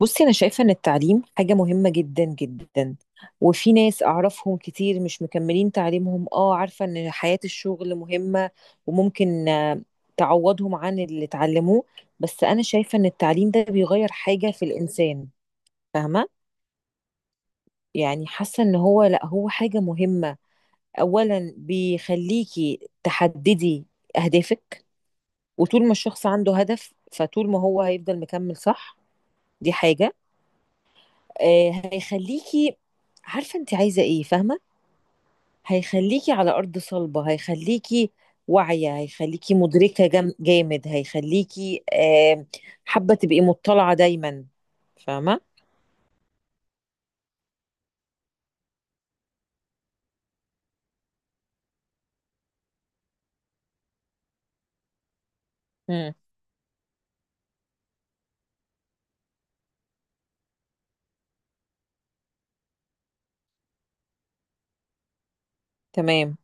بصي، أنا شايفة إن التعليم حاجة مهمة جدا جدا. وفي ناس أعرفهم كتير مش مكملين تعليمهم، عارفة إن حياة الشغل مهمة وممكن تعوضهم عن اللي اتعلموه. بس أنا شايفة إن التعليم ده بيغير حاجة في الإنسان. فاهمة؟ يعني حاسة إن هو لأ، هو حاجة مهمة. أولا بيخليكي تحددي أهدافك، وطول ما الشخص عنده هدف فطول ما هو هيفضل مكمل، صح؟ دي حاجة. هيخليكي عارفة انت عايزة ايه، فاهمة. هيخليكي على أرض صلبة، هيخليكي واعية، هيخليكي مدركة جامد، هيخليكي حابة تبقي مطلعة دايما، فاهمة. مم. تمام.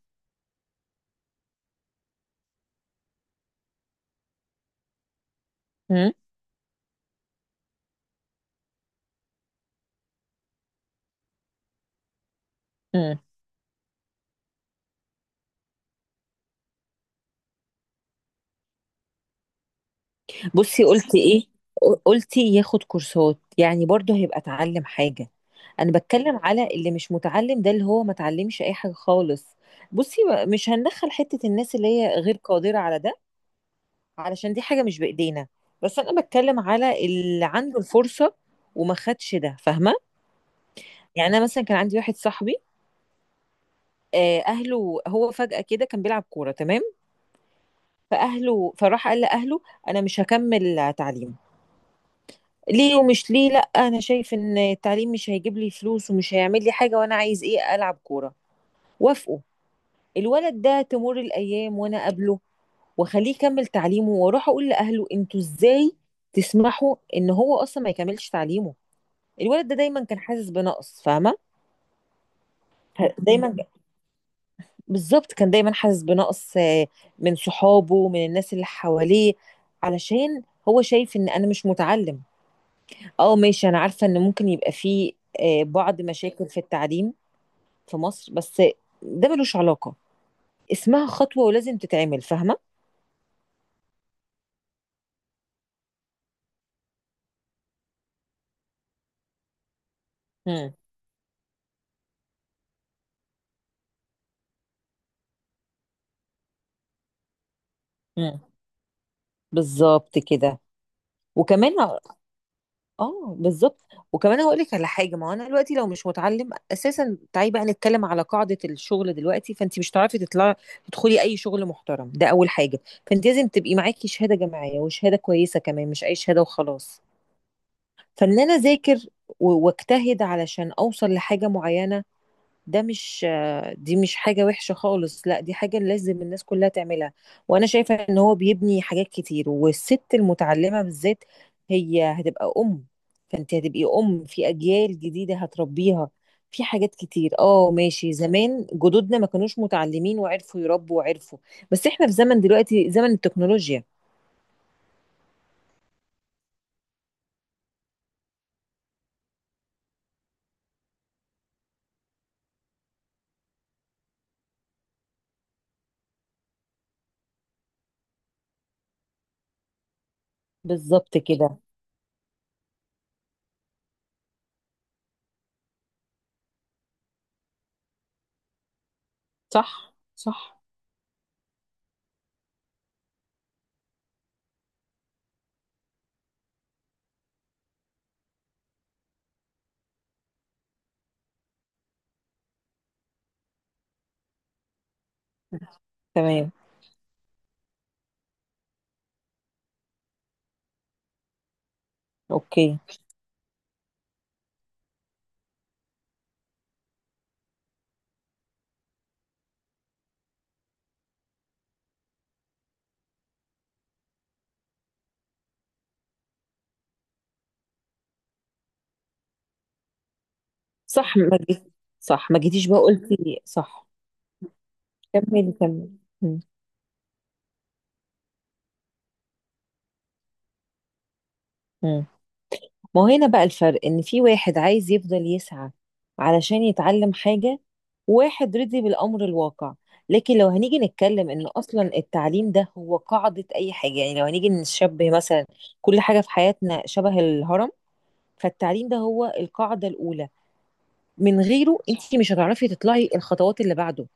مم. مم. بصي قلتي ايه؟ قلتي ياخد كورسات يعني برضه هيبقى اتعلم حاجة. انا بتكلم على اللي مش متعلم ده، اللي هو ما اتعلمش اي حاجة خالص. بصي، مش هندخل حتة الناس اللي هي غير قادرة على ده، علشان دي حاجة مش بإيدينا. بس أنا بتكلم على اللي عنده الفرصة وما خدش ده، فاهمة؟ يعني أنا مثلا كان عندي واحد صاحبي. أهله، هو فجأة كده كان بيلعب كورة، تمام؟ فأهله، فراح قال لأهله أنا مش هكمل تعليم، ليه؟ ومش ليه، لأ أنا شايف إن التعليم مش هيجيب لي فلوس ومش هيعمل لي حاجة، وأنا عايز إيه؟ ألعب كورة. وافقوا. الولد ده تمر الأيام وأنا أقابله وأخليه يكمل تعليمه، وأروح أقول لأهله أنتوا إزاي تسمحوا إن هو أصلا ما يكملش تعليمه؟ الولد ده دايما كان حاسس بنقص، فاهمه. ه- دايما مم. ك- بالظبط، كان دايما حاسس بنقص من صحابه، من الناس اللي حواليه، علشان هو شايف ان انا مش متعلم. اه ماشي، انا عارفه ان ممكن يبقى فيه بعض مشاكل في التعليم في مصر، بس ده ملوش علاقه. اسمها خطوه ولازم تتعمل، فاهمه. مم. مم. بالظبط كده. وكمان. اه بالظبط. وكمان هقول لك على حاجه. ما هو انا دلوقتي لو مش متعلم اساسا، تعالي بقى نتكلم على قاعده الشغل دلوقتي، فانت مش هتعرفي تطلعي تدخلي اي شغل محترم. ده اول حاجه. فانت لازم تبقي معاكي شهاده جامعيه وشهاده كويسه كمان، مش اي شهاده وخلاص. فان انا اذاكر واجتهد علشان اوصل لحاجه معينه، ده مش، دي مش حاجة وحشة خالص، لا دي حاجة لازم الناس كلها تعملها. وانا شايفة ان هو بيبني حاجات كتير، والست المتعلمة بالذات هي هتبقى ام، فانت هتبقي ام في اجيال جديدة هتربيها في حاجات كتير. اه ماشي، زمان جدودنا ما كانوش متعلمين وعرفوا يربوا وعرفوا، بس احنا في زمن دلوقتي، زمن التكنولوجيا. بالظبط كده. صح صح. تمام. اوكي. صح، ما جيت، صح ما جيتيش، بقى قلتي صح. كملي كملي. مم. ما هو هنا بقى الفرق ان في واحد عايز يفضل يسعى علشان يتعلم حاجة، واحد رضي بالامر الواقع. لكن لو هنيجي نتكلم ان اصلا التعليم ده هو قاعدة اي حاجة، يعني لو هنيجي نشبه مثلا كل حاجة في حياتنا شبه الهرم، فالتعليم ده هو القاعدة الاولى، من غيره انت مش هتعرفي تطلعي الخطوات اللي بعده،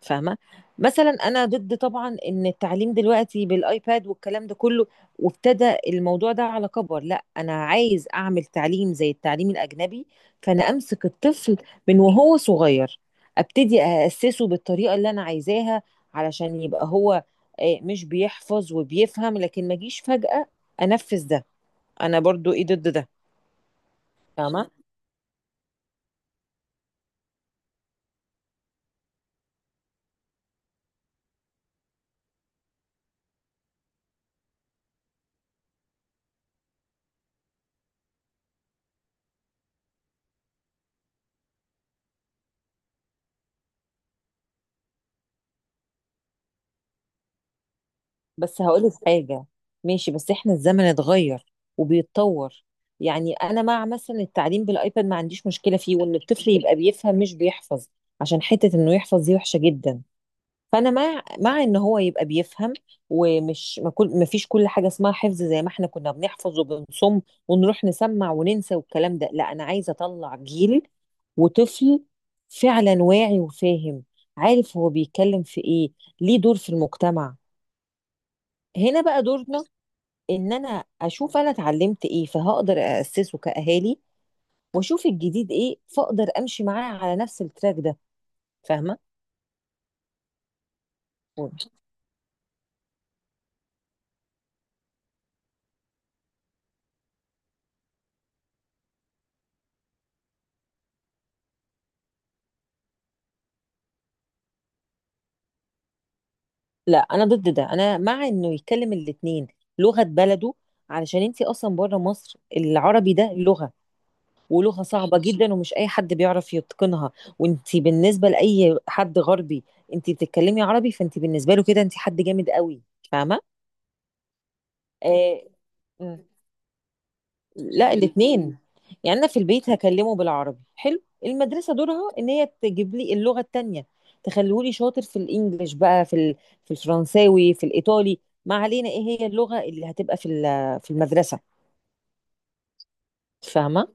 فاهمة؟ مثلا أنا ضد طبعا إن التعليم دلوقتي بالآيباد والكلام ده كله، وابتدى الموضوع ده على كبر. لا، أنا عايز أعمل تعليم زي التعليم الأجنبي، فأنا أمسك الطفل من وهو صغير، أبتدي أأسسه بالطريقة اللي أنا عايزاها، علشان يبقى هو مش بيحفظ وبيفهم. لكن ما جيش فجأة أنفذ ده، أنا برضو إيه ضد ده، فاهمة؟ بس هقولك حاجة، ماشي بس احنا الزمن اتغير وبيتطور. يعني انا مع مثلا التعليم بالايباد، ما عنديش مشكلة فيه، وان الطفل يبقى بيفهم مش بيحفظ، عشان حتة انه يحفظ دي وحشة جدا. فانا مع ان هو يبقى بيفهم، ومش ما كل ما فيش كل حاجة اسمها حفظ زي ما احنا كنا بنحفظ وبنصم ونروح نسمع وننسى والكلام ده. لا، انا عايزة اطلع جيل وطفل فعلا واعي وفاهم، عارف هو بيتكلم في ايه، ليه دور في المجتمع. هنا بقى دورنا ان انا اشوف انا اتعلمت ايه فهقدر اسسه كاهالي، واشوف الجديد ايه فاقدر امشي معاه على نفس التراك ده، فاهمه. لا، انا ضد ده، انا مع انه يتكلم الاتنين، لغه بلده، علشان انتي اصلا بره مصر العربي ده لغه، ولغه صعبه جدا ومش اي حد بيعرف يتقنها. وانتي بالنسبه لاي حد غربي، انتي بتتكلمي عربي، فانتي بالنسبه له كده انتي حد جامد قوي، فاهمه. آه. لا، الاثنين الاتنين. يعني انا في البيت هكلمه بالعربي حلو، المدرسه دورها ان هي تجيب لي اللغه التانية، تخليهولي شاطر في الانجليش بقى، في الفرنساوي، في الايطالي، ما علينا ايه هي اللغه اللي هتبقى في المدرسه، فاهمه.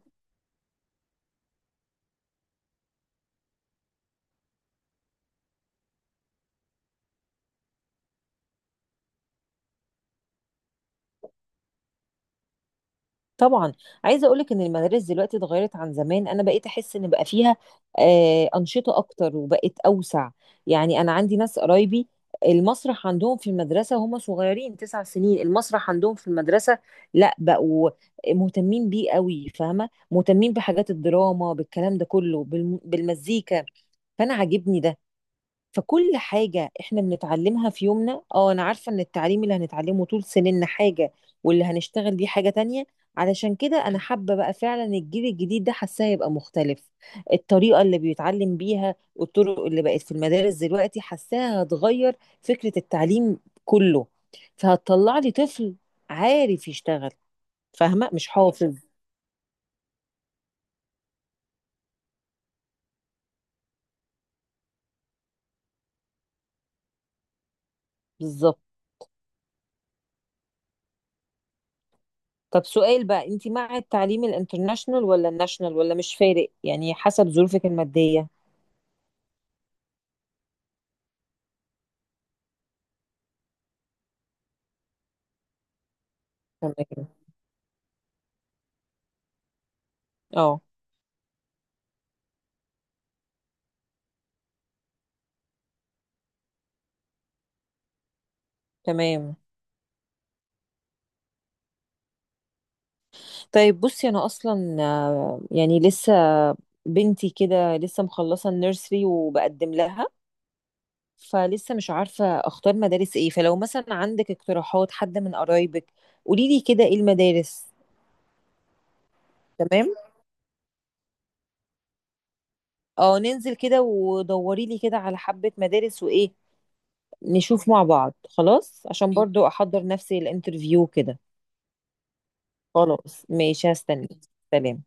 طبعا. عايزه اقولك ان المدارس دلوقتي اتغيرت عن زمان، انا بقيت احس ان بقى فيها انشطه اكتر وبقت اوسع. يعني انا عندي ناس قرايبي، المسرح عندهم في المدرسه، هم صغيرين 9 سنين، المسرح عندهم في المدرسه. لا، بقوا مهتمين بيه قوي، فاهمه، مهتمين بحاجات الدراما بالكلام ده كله بالمزيكا. فانا عاجبني ده. فكل حاجة احنا بنتعلمها في يومنا، اه انا عارفة ان التعليم اللي هنتعلمه طول سننا حاجة، واللي هنشتغل بيه حاجة تانية. علشان كده انا حابة بقى فعلا الجيل الجديد ده، حاساه يبقى مختلف. الطريقة اللي بيتعلم بيها والطرق اللي بقت في المدارس دلوقتي، حاساها هتغير فكرة التعليم كله. فهتطلع لي طفل عارف يشتغل، فاهمة، مش حافظ. بالظبط. طب سؤال بقى، انت مع التعليم الانترناشنال ولا الناشنال، ولا مش فارق يعني حسب ظروفك المادية؟ تمام. اه تمام. طيب بصي، انا اصلا يعني لسه بنتي كده لسه مخلصه النيرسري وبقدم لها، فلسه مش عارفه اختار مدارس ايه. فلو مثلا عندك اقتراحات، حد من قرايبك، قولي لي كده ايه المدارس. تمام. اه، ننزل كده ودوري لي كده على حبه مدارس وايه، نشوف مع بعض، خلاص، عشان برضو احضر نفسي الانترفيو كده. خلاص ماشي، هستني. سلام.